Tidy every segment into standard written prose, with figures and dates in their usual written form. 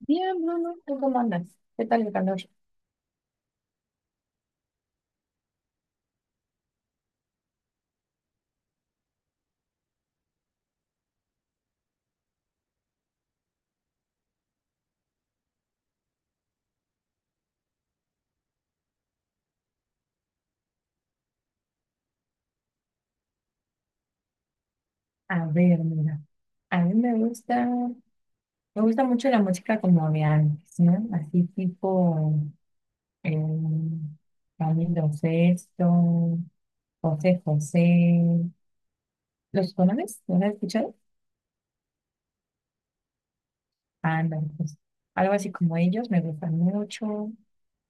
Bien, Bruno, ¿tú cómo andas? ¿Qué tal el calor? A ver, mira, a mí me gusta mucho la música como de antes, ¿no? Así tipo eh, Camilo Sesto, José José. ¿Los conoces? ¿Los has escuchado? Ándale, pues algo así como ellos me gustan mucho.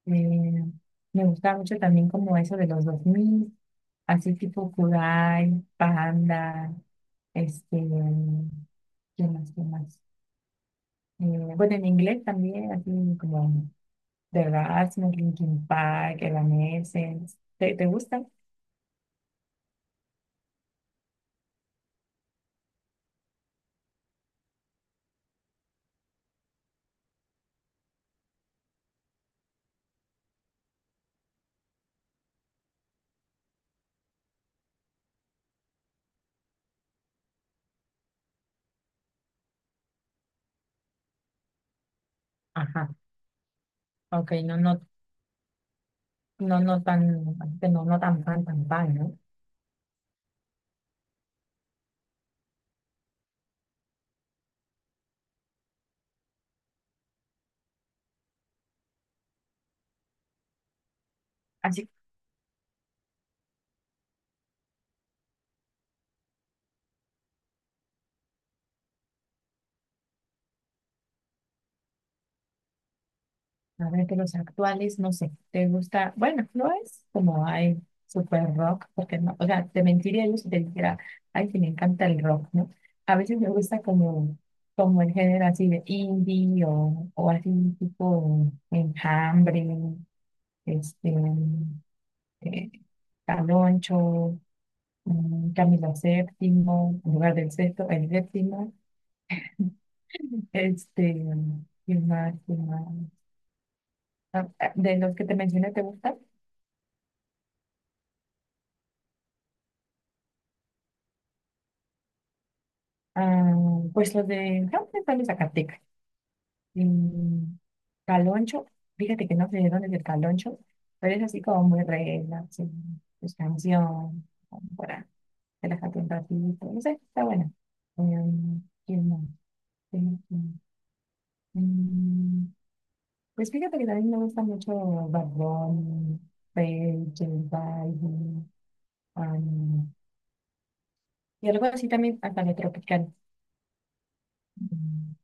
Eh, Me gusta mucho también como eso de los 2000, así tipo Kudai, Panda, este, ¿qué más, qué más? Eh, bueno, en inglés también, así como The Rasmus, Linkin Park, Evanescence. ¿Te gustan? Ajá, ok, no, no tan, no, tan fan, tan fan, ¿no? Así, a ver, de los actuales, no sé, ¿te gusta? Bueno, no es como hay super rock, porque no, o sea, te mentiría yo si te dijera, ay, que me encanta el rock, ¿no? A veces como el género así de indie o así tipo Enjambre, este... eh, Caloncho, Camilo VII, en lugar del sexto, el séptimo, este, ¿quién más? ¿Quién más? De los que te mencioné, ¿te gusta? Ah, pues los de Hambre están de Zacatecas. Mm, Caloncho, fíjate que no sé de dónde es el Caloncho, pero es así como muy regla, sí, pues canción, como para relajarte un ratito, no sé, está bueno. ¿Quién más? ¿Quién más? Mm, Pues fíjate que también me gusta mucho Bad Bunny, Feid, J Balvin, um, y algo así también, hasta lo tropical, mm,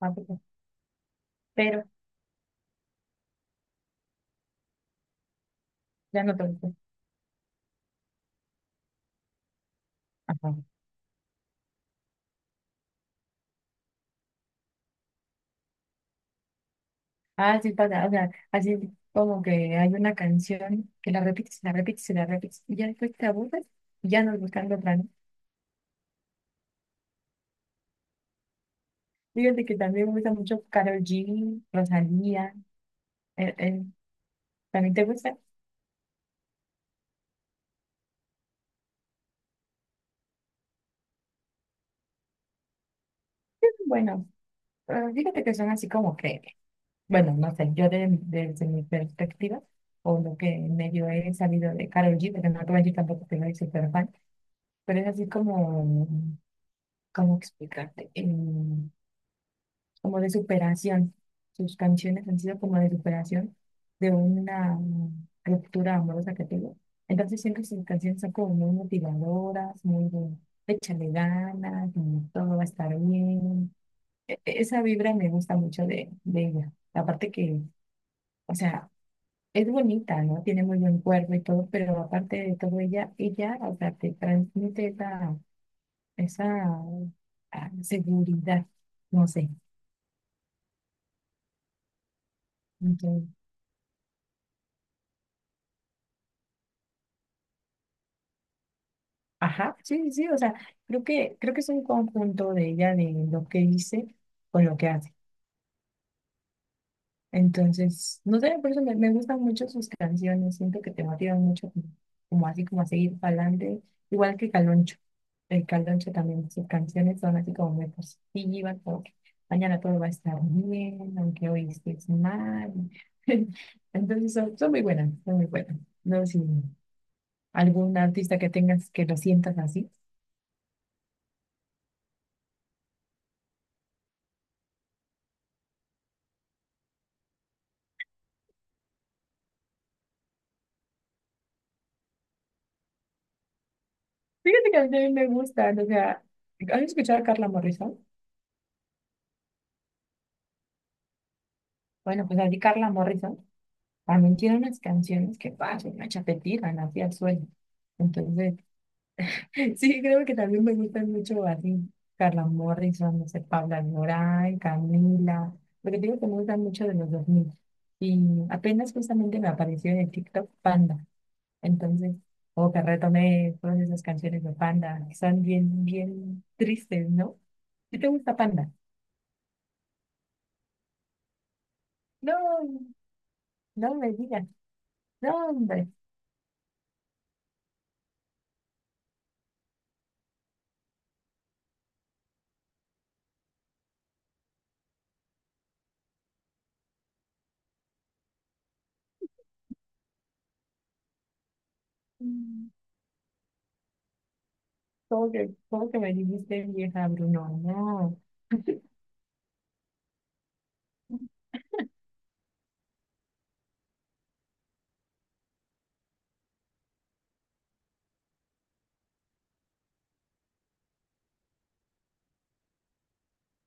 África, pero ya no tanto. Ajá. Ah, sí pasa, o sea, así como que hay una canción que la repites, y ya después te aburres y ya no buscando otra, ¿no? Fíjate que también me gusta mucho Karol G, Rosalía, eh, eh, ¿también te gusta? Bueno, fíjate que son así como que bueno, no sé, yo desde mi perspectiva, o lo que medio he sabido de Karol G, porque no te voy a decir tampoco que soy súper fan, pero es así como, ¿cómo explicarte? Como de superación. Sus canciones han sido como de superación de una ruptura amorosa que tuvo. Entonces siempre sus canciones son como muy motivadoras, muy de échale ganas, como todo va a estar bien. Esa vibra me gusta mucho de ella. Aparte que... O sea, es bonita, ¿no? Tiene muy buen cuerpo y todo, pero aparte de todo, ella, o sea, te transmite esa, esa seguridad, no sé. Entonces, ajá, sí, o sea, creo que es un conjunto de ella, de lo que dice con lo que hace. Entonces, no sé, por eso me gustan mucho sus canciones, siento que te motivan mucho como, como así, como a seguir adelante, igual que Caloncho. El Caloncho también, sus canciones son así como muy positivas, como que mañana todo va a estar bien, aunque hoy estés mal. Entonces, son muy buenas, son muy buenas. No sé si algún artista que tengas que lo sientas así. Fíjate que a mí también me gustan, o sea, ¿has escuchado a Carla Morrison? Bueno, pues así Carla Morrison. También tiene unas canciones que pasan, una chapetita, así al suelo. Entonces, sí, creo que también me gustan mucho así. Carla Morrison, no sé, Paula Alborán, Camila. Lo que digo que me gustan mucho de los 2000 y apenas justamente me apareció en el TikTok Panda. Entonces, como que retomé todas esas canciones de Panda, que son bien, bien tristes, ¿no? ¿Sí te gusta Panda? No, no me digas. No, hombre. Cómo que me dijiste vieja, Bruno? No.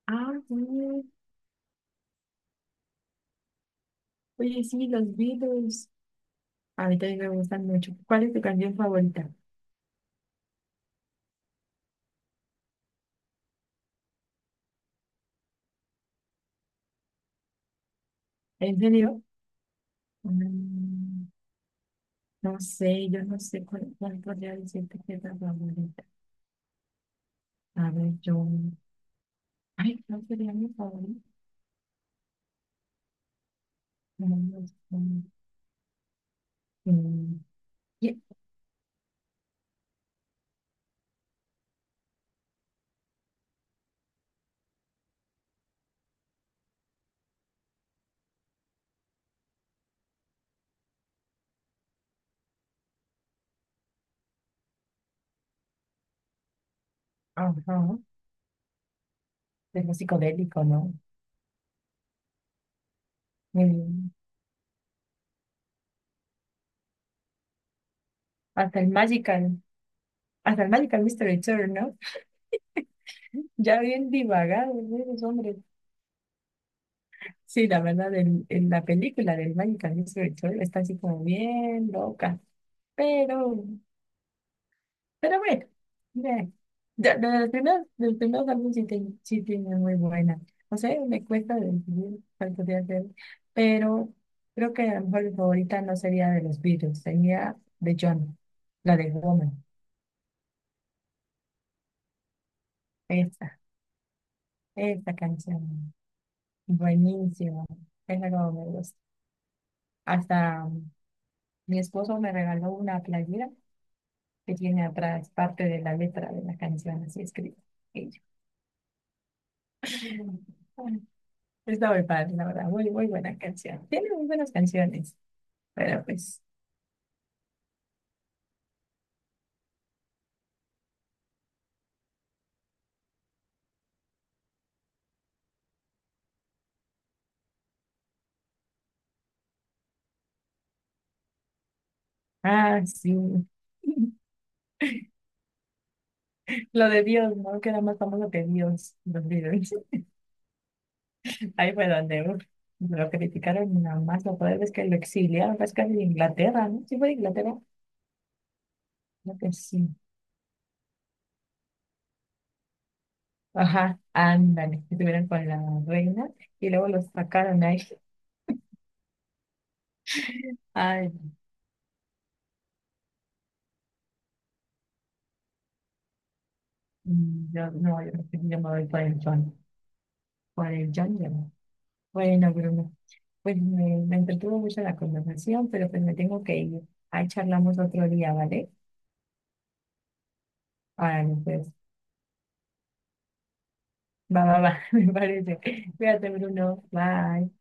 Ah, sí. Oye, sí, los Beatles. A mí también me gustan mucho. ¿Cuál es tu canción favorita? ¿En serio? Mm, no sé, yo no sé cuál podría decirte que es la favorita. A ver, yo. Ay, ¿cuál sería mi favorita? No lo sé. Mm, ye- Ajá. De lo psicodélico, ¿no? Mm, hasta el Magical, hasta el Magical Mister Tour, ¿no? Ya bien divagado, ¿no? Eres hombre. Sí, la verdad, en la película del Mágica Disco de Chole está así como bien loca. Pero, pero bueno, ve. De los primeros álbumes sí, sí tiene muy buena. No sé, me cuesta decidir cuál podría ser. Pero creo que a lo mejor mi favorita no sería de los Beatles, sería de John, la de Woman. Esta, esta canción. Buenísima. Esa como me gusta. Hasta mi esposo me regaló una playera que tiene atrás parte de la letra de la canción así escrita. Ella. Bueno, está muy padre, la verdad, muy, muy buena canción. Tiene muy buenas canciones, pero pues, ah, sí. Lo de Dios, ¿no? Que era más famoso que Dios, los Beatles. Ahí fue donde uf, lo criticaron nada más, lo peor es que lo exiliaron, es casi de Inglaterra, ¿no? Sí fue de Inglaterra, creo que sí. Ajá, ándale, estuvieron con la reina y luego los sacaron ahí. Ay, no, no, yo no tenía más plan, para el John. Bueno, Bruno, pues me entretuvo mucho la conversación, pero pues me tengo que ir. Ahí charlamos otro día, ¿vale? Ahora pues, va, me parece. Cuídate, Bruno. Bye.